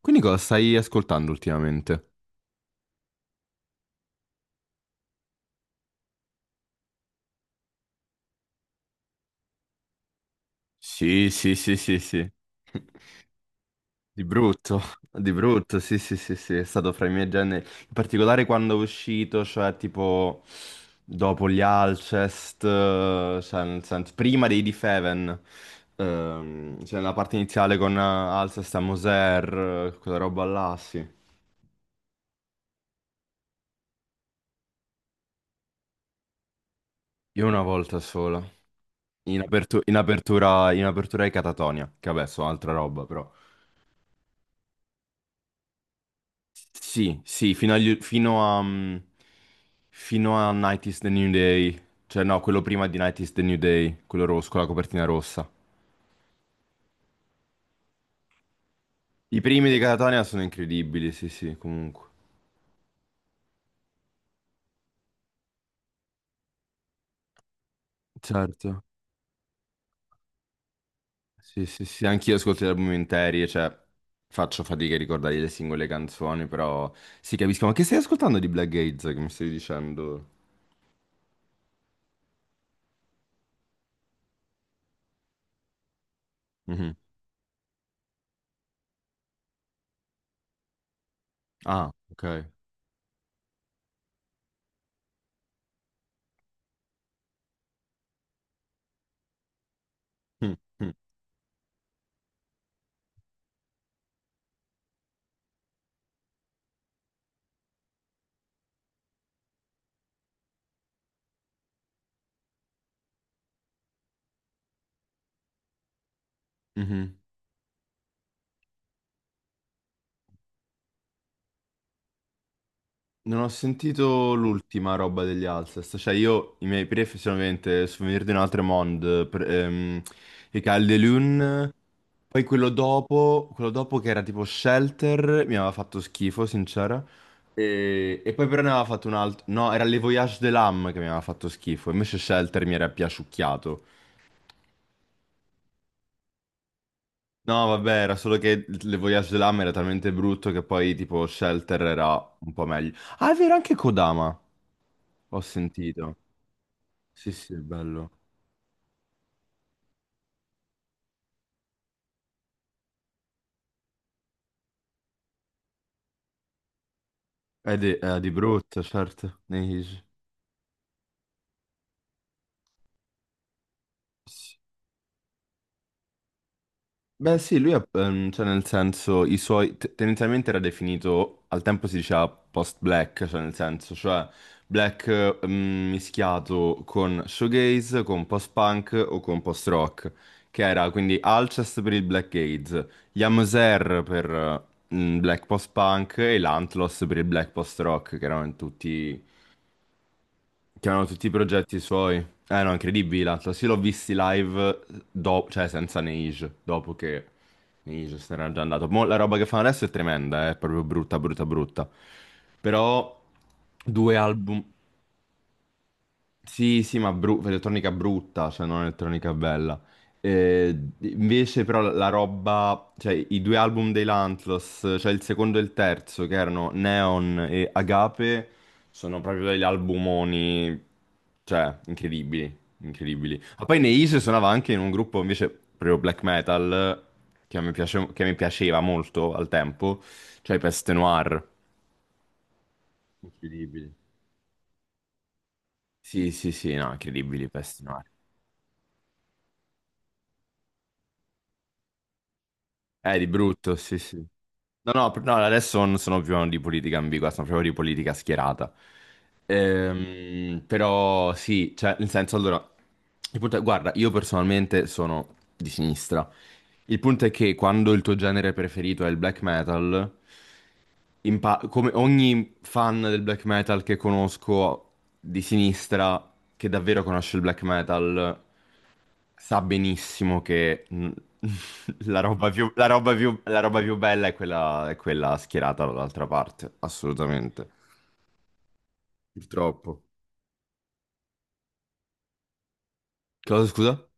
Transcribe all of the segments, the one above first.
Quindi cosa stai ascoltando ultimamente? Sì, sì, sì, sì, sì. Di brutto, di brutto, sì, sì, sì, sì, è stato fra i miei generi, in particolare quando è uscito, cioè tipo dopo gli Alcest, cioè, nel senso, prima dei Deafheaven, cioè nella parte iniziale con Alcest a Moser, quella roba là, sì. Io una volta sola, in apertura ai Catatonia, che vabbè, so altra roba però. Sì, sì, fino a, fino a Night is the New Day. Cioè, no, quello prima di Night is the New Day, quello rosso, con la copertina rossa. I primi di Catatonia sono incredibili, sì, sì, comunque. Certo. Sì, sì, sì, anch'io ascolto gli album interi, cioè, faccio fatica a ricordare le singole canzoni, però sì, capisco. Ma che stai ascoltando di Black Gates, che mi stai dicendo? Mhm. Ah, ok. Mm. Mm. Mhm. Non ho sentito l'ultima roba degli Alcest, cioè io i miei pref sono ovviamente Souvenir di un altro monde, i Cal de Lune, poi quello dopo che era tipo Shelter, mi aveva fatto schifo, sincera, e poi però ne aveva fatto un altro, no, era Le Voyage de l'Âme che mi aveva fatto schifo, invece Shelter mi era piaciucchiato. No, vabbè, era solo che Le Voyage de l'Âme era talmente brutto che poi tipo Shelter era un po' meglio. Ah, è vero, anche Kodama, ho sentito. Sì, sì, è bello. È di brutto, certo. Sì. Beh, sì, cioè nel senso, tendenzialmente era definito, al tempo si diceva post-black, cioè nel senso, cioè black mischiato con shoegaze, con post-punk o con post-rock, che era quindi Alcest per il black gaze, Yamoser per black post-punk e l'Antlos per il black post-rock, che erano tutti Chiamano tutti i progetti suoi. Eh no, incredibili l'altro. Sì, l'ho visti live, cioè senza Neige, dopo che Neige se n'era già andato. Mo, la roba che fanno adesso è tremenda, è proprio brutta, brutta, brutta. Però due album. Sì, sì, elettronica brutta, cioè non elettronica bella. Eh, invece però la roba, cioè i due album dei Lanthlos, cioè il secondo e il terzo, che erano Neon e Agape, sono proprio degli albumoni, cioè, incredibili, incredibili. Ma poi Neige suonava anche in un gruppo invece proprio black metal, che mi piaceva molto al tempo, cioè i Peste Noir. Incredibili. Sì, sì, sì, no, incredibili i Peste Noir. Di brutto, sì, sì. No, no, no, adesso non sono più di politica ambigua, sono proprio di politica schierata. Però sì, cioè, nel senso, allora, il punto è, guarda, io personalmente sono di sinistra. Il punto è che quando il tuo genere preferito è il black metal, come ogni fan del black metal che conosco di sinistra, che davvero conosce il black metal, sa benissimo che la roba più bella è quella schierata dall'altra parte, assolutamente. Purtroppo. Cosa, scusa?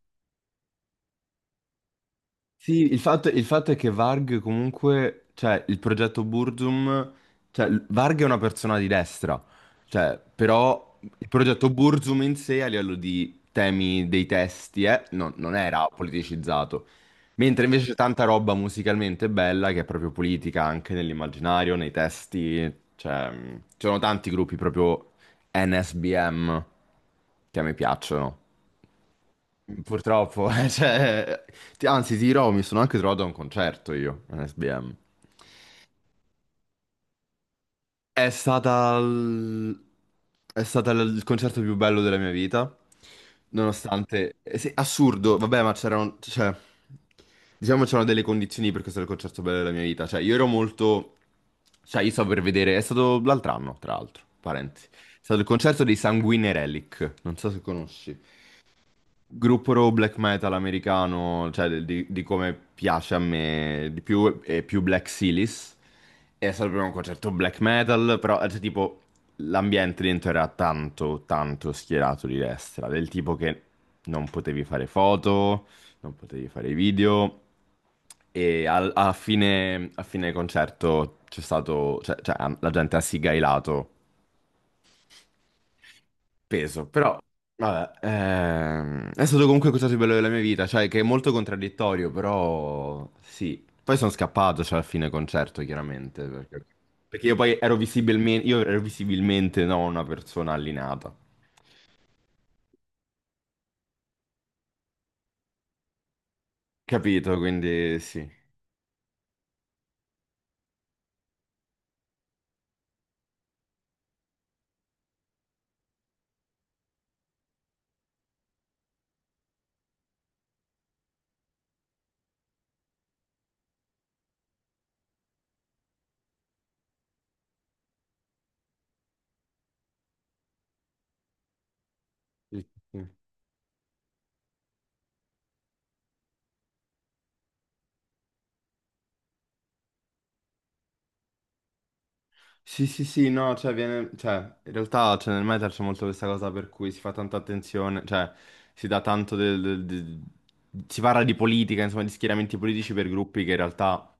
Sì, il fatto è che Varg comunque, cioè il progetto Burzum, Varg è una persona di destra, cioè però il progetto Burzum in sé a livello di temi dei testi non era politicizzato, mentre invece c'è tanta roba musicalmente bella che è proprio politica anche nell'immaginario, nei testi, cioè ci sono tanti gruppi proprio NSBM che a me piacciono. Purtroppo, cioè, anzi, ti dirò, mi sono anche trovato a un concerto io, un SBM. È stata l- il concerto più bello della mia vita, nonostante... sì, assurdo, vabbè, ma c'erano... Cioè, diciamo c'erano delle condizioni per questo è il concerto bello della mia vita. Cioè, io ero molto... Cioè, io stavo per vedere... È stato l'altro anno, tra l'altro, parenti. È stato il concerto dei Sanguine Relic, non so se conosci. Gruppo black metal americano, di come piace a me di più, è più Black Silis. È stato proprio un concerto black metal, però cioè, tipo l'ambiente dentro era tanto, tanto schierato di destra, del tipo che non potevi fare foto, non potevi fare video. A fine concerto c'è stato, la gente ha sigailato peso, però vabbè, è stato comunque il cosa più bello della mia vita, cioè che è molto contraddittorio, però sì. Poi sono scappato, cioè, alla fine concerto, chiaramente, perché io poi ero visibilmente, io ero visibilmente no, una persona allineata, capito? Quindi sì. Sì, sì, sì, sì, sì, no, cioè, viene, cioè, in realtà cioè, nel metal c'è molto questa cosa per cui si fa tanta attenzione, cioè, si dà tanto del, del- del- si parla di politica, insomma, di schieramenti politici per gruppi che in realtà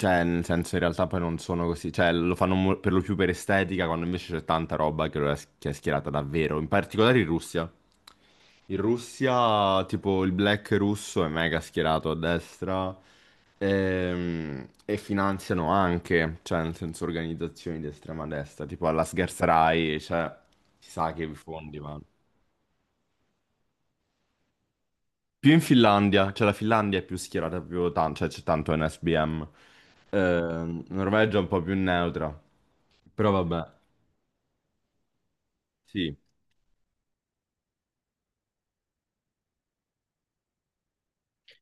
Cioè, nel senso, in realtà poi non sono così, cioè, per lo più per estetica, quando invece c'è tanta roba che, lo è, che è schierata davvero, in particolare in Russia. In Russia, tipo, il black russo è mega schierato a destra e, finanziano anche, cioè, nel senso, organizzazioni di estrema destra, tipo alla Sgerzarai, cioè, si sa che i fondi vanno. Più in Finlandia, cioè la Finlandia è più schierata, più tanto, cioè c'è tanto NSBM. Norvegia è un po' più neutra. Però vabbè, sì.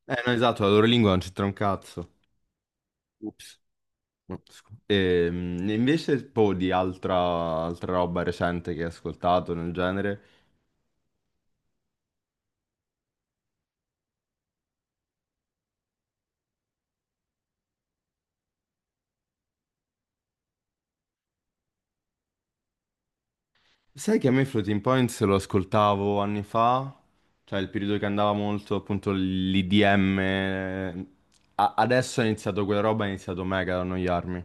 Eh no, esatto, la loro lingua non c'entra un cazzo. Ups. No, scu- E, invece, poi di altra, altra roba recente che hai ascoltato nel genere, sai che a me Floating Points lo ascoltavo anni fa, cioè il periodo che andava molto appunto l'IDM, adesso è iniziato quella roba, è iniziato mega ad annoiarmi.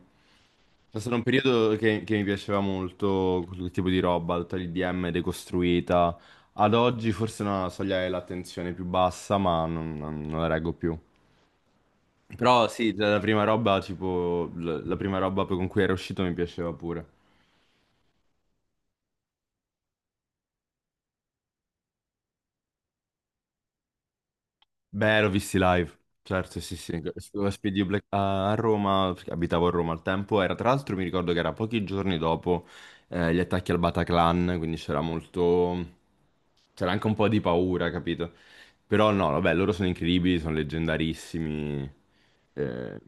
È stato un periodo che mi piaceva molto quel tipo di roba, tutta l'IDM decostruita. Ad oggi forse è una soglia dell'attenzione più bassa, ma non la reggo più. Però sì, la prima roba, tipo, la prima roba con cui era uscito mi piaceva pure. Beh, l'ho visti live, certo, sì, sì. Lo Spd Black a a Roma, perché abitavo a Roma al tempo, era tra l'altro mi ricordo che era pochi giorni dopo gli attacchi al Bataclan, quindi c'era molto, c'era anche un po' di paura, capito? Però no, vabbè, loro sono incredibili, sono leggendarissimi, eh,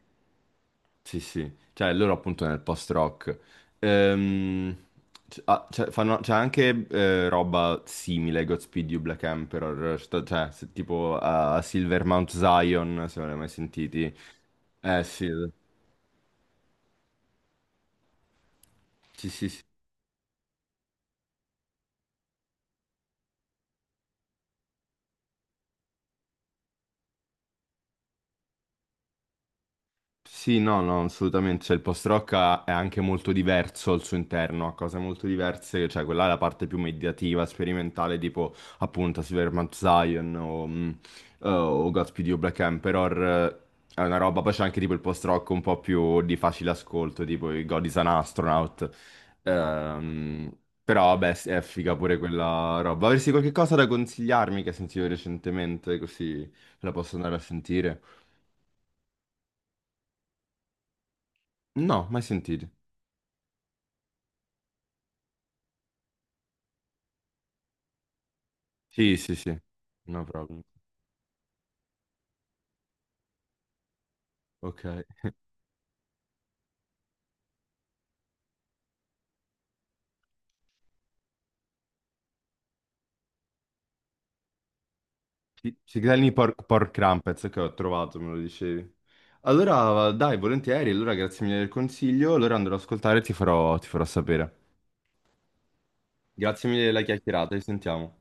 sì, sì, cioè loro appunto nel post-rock. Ehm, c'è c'è anche roba simile, Godspeed You Black Emperor, tipo a, a Silver Mount Zion, se non l'hai mai sentiti. Eh sì, sì, sì, sì. Sì, no, no, assolutamente. Cioè, è anche molto diverso al suo interno, ha cose molto diverse, cioè quella è la parte più mediativa, sperimentale, tipo appunto Silvermount Zion o Godspeed You Black Emperor. Eh, è una roba, poi c'è anche tipo il post-rock un po' più di facile ascolto, tipo i God is an Astronaut. Ehm, però vabbè, sì, è figa pure quella roba. Avresti qualche cosa da consigliarmi che hai sentito recentemente, così la posso andare a sentire? No, mai sentito. Sì, sì, sì, no problem. Ok. Ciclini pork, pork crumpets, che ho trovato, me lo dicevi. Allora, dai, volentieri, allora grazie mille del consiglio, allora andrò ad ascoltare ti farò sapere. Grazie mille della chiacchierata, ci sentiamo.